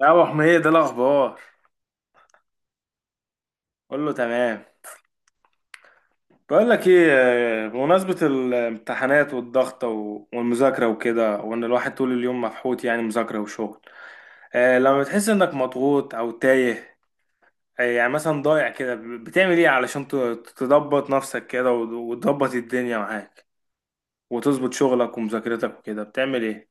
يا ابو حميد إيه الاخبار؟ قول له تمام. بقول لك ايه، بمناسبه الامتحانات والضغط والمذاكره وكده، وان الواحد طول اليوم مفحوط، يعني مذاكره وشغل. لما بتحس انك مضغوط او تايه، يعني مثلا ضايع كده، بتعمل ايه علشان تضبط نفسك كده وتضبط الدنيا معاك، وتظبط شغلك ومذاكرتك وكده، بتعمل ايه؟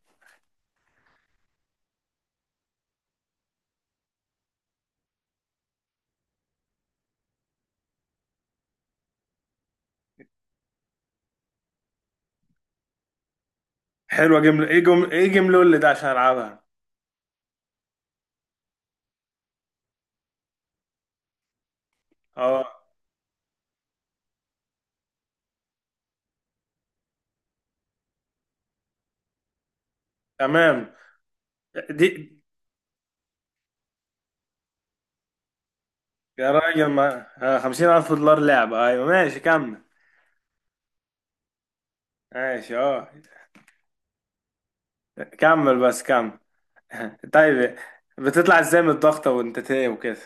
حلوه، جمله اللي ده عشان العبها. اه، تمام. دي، يا راجل ما 50,000 دولار لعبة؟ أيوة ماشي كمل. ماشي اه، كمل بس كمل. طيب، بتطلع ازاي من الضغطة وانت تايه وكده؟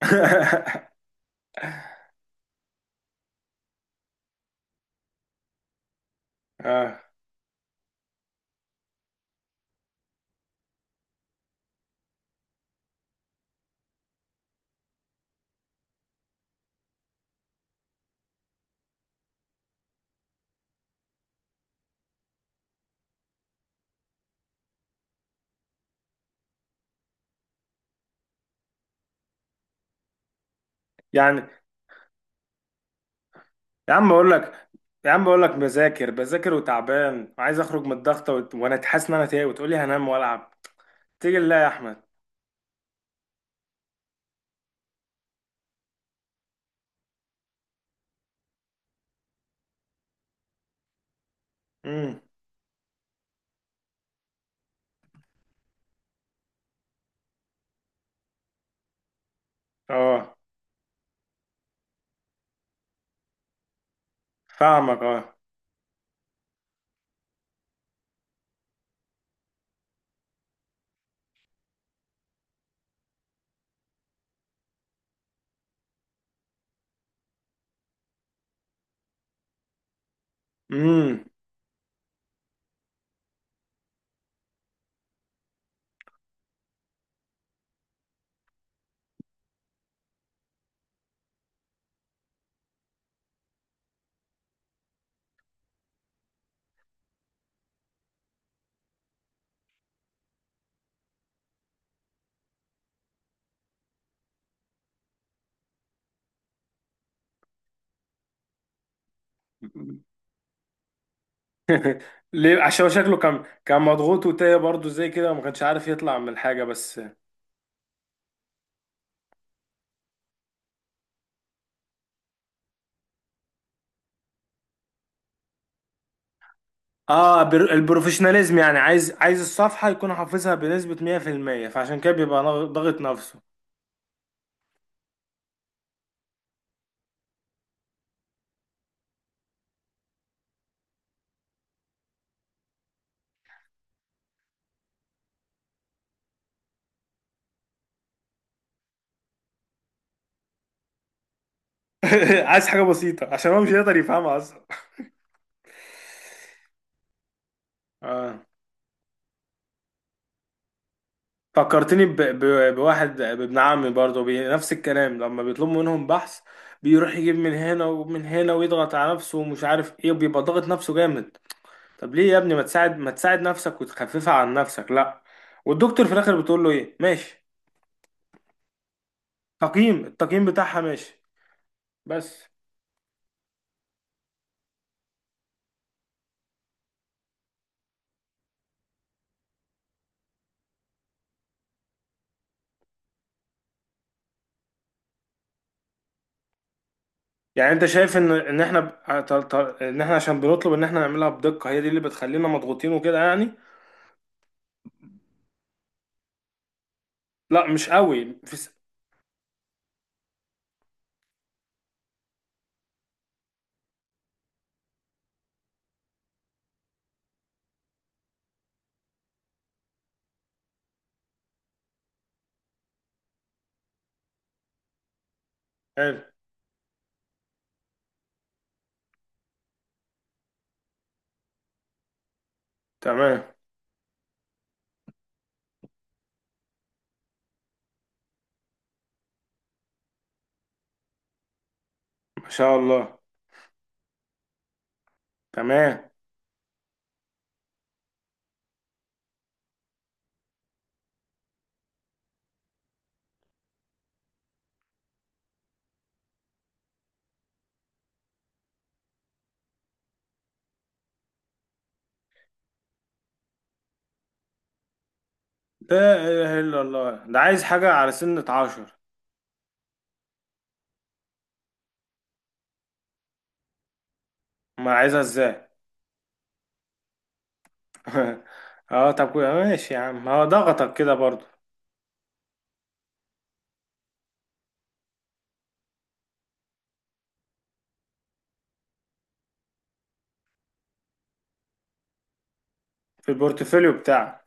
اه، يعني، يا عم اقول لك، يا عم اقول لك، بذاكر بذاكر وتعبان وعايز اخرج من الضغطة وانا حاسس ان انا تايه، وتقول لي هنام والعب؟ تيجي لا يا احمد. امم، اه، فاهمك اه، امم، ليه؟ عشان هو شكله كان مضغوط وتايه برضه زي كده، وما كانش عارف يطلع من الحاجة بس. اه، البروفيشناليزم، يعني عايز الصفحة يكون حافظها بنسبة 100%، فعشان كده بيبقى ضاغط نفسه. عايز حاجة بسيطة عشان هو مش هيقدر يفهمها اصلا. اه، فكرتني بواحد، بابن عمي برضه، نفس الكلام، لما بيطلبوا منهم بحث بيروح يجيب من هنا ومن هنا، ويضغط على نفسه، ومش عارف ايه، وبيبقى ضاغط نفسه جامد. طب ليه يا ابني؟ ما تساعد نفسك وتخففها عن نفسك؟ لا، والدكتور في الاخر بتقول له ايه؟ ماشي. تقييم، التقييم بتاعها ماشي بس. يعني انت شايف ان احنا ان احنا عشان بنطلب ان احنا نعملها بدقة، هي دي اللي بتخلينا مضغوطين وكده يعني؟ لا مش قوي حلو، تمام، ما شاء الله، تمام. لا اله الا الله، ده عايز حاجة على سنة 10. ما عايزها ازاي؟ اه طب ماشي يا عم، هو ضغطك كده برضو. في البورتفوليو بتاعك؟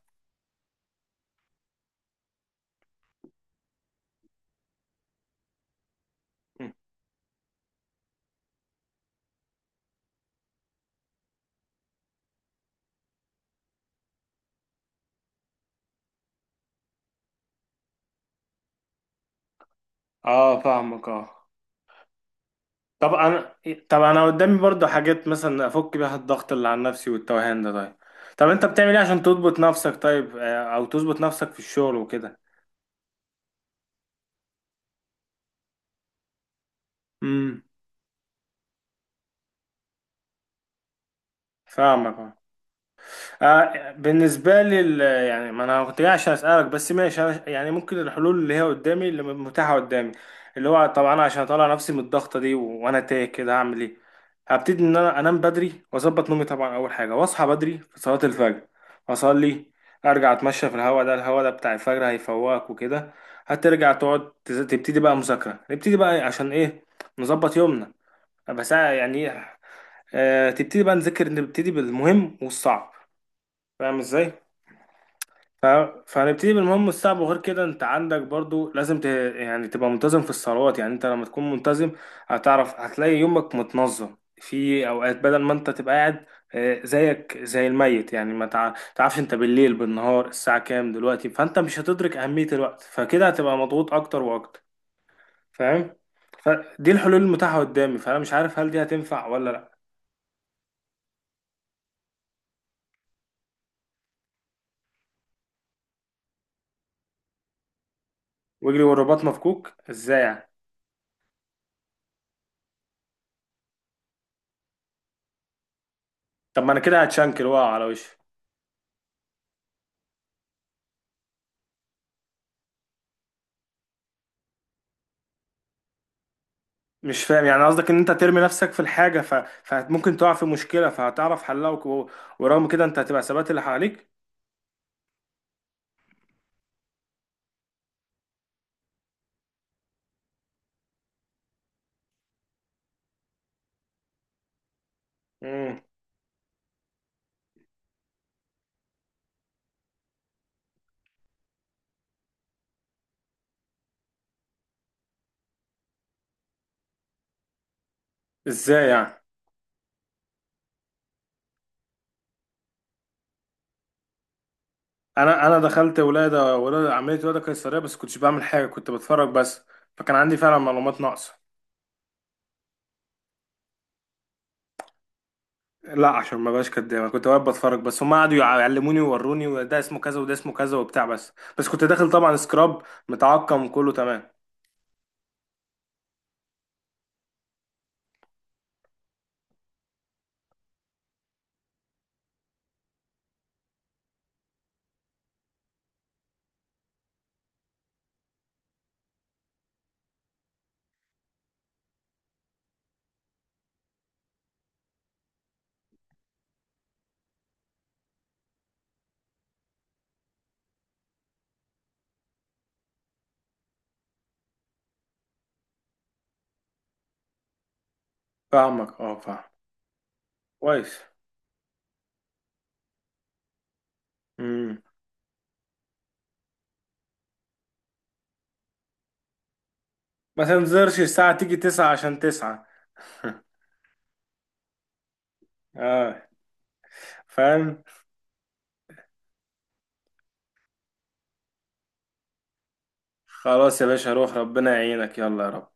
اه فاهمك اه. طب انا طب انا قدامي برضه حاجات، مثلا افك بيها الضغط اللي على نفسي والتوهان ده. طيب، طب انت بتعمل ايه عشان تضبط نفسك؟ طيب، او تظبط نفسك في الشغل وكده. امم، فاهمك. آه، بالنسبة لي يعني ما انا كنت جاي عشان اسألك بس. ماشي، يعني ممكن الحلول اللي هي قدامي، اللي متاحة قدامي، اللي هو طبعا انا عشان اطلع نفسي من الضغطة دي وانا تايه كده، هعمل ايه؟ هبتدي ان انا انام بدري واظبط نومي طبعا، اول حاجة، واصحى بدري في صلاة الفجر، اصلي، ارجع اتمشى في الهواء ده، الهواء ده بتاع الفجر هيفوقك وكده. هترجع تقعد تبتدي بقى مذاكرة، نبتدي بقى إيه؟ عشان ايه؟ نظبط يومنا، بس. يعني إيه، تبتدي بقى نذاكر، نبتدي بالمهم والصعب. فاهم ازاي؟ ف- فهنبتدي بالمهم الصعب. وغير كده انت عندك برضو لازم يعني تبقى منتظم في الصلوات. يعني انت لما تكون منتظم، هتعرف، هتلاقي يومك متنظم، في اوقات بدل ما انت تبقى قاعد زيك زي الميت، يعني ما تعرفش انت بالليل بالنهار الساعة كام دلوقتي، فانت مش هتدرك اهمية الوقت، فكده هتبقى مضغوط اكتر واكتر. فاهم؟ فدي الحلول المتاحة قدامي، فانا مش عارف هل دي هتنفع ولا لا. واجري والرباط مفكوك ازاي يعني؟ طب ما انا كده هتشنكل واقع على وشي. مش فاهم، يعني قصدك ان انت ترمي نفسك في الحاجة، فممكن تقع في مشكلة فهتعرف حلها، ورغم كده انت هتبقى ثبات اللي حواليك. امم، ازاي يعني؟ انا دخلت ولادة، عملية ولادة قيصرية، بس كنتش بعمل حاجة، كنت بتفرج بس، فكان عندي فعلا معلومات ناقصة. لا عشان ما بقاش كداب، انا كنت واقف بتفرج بس، هم قعدوا يعلموني ويوروني، وده اسمه كذا وده اسمه كذا وبتاع بس. بس كنت داخل طبعا سكراب، متعقم كله تمام. فاهمك اه، فاهم، كويس. امم، ما تنزلش الساعة تيجي 9 عشان 9. اه، فاهم. خلاص يا باشا، روح، ربنا يعينك، يلا يا رب.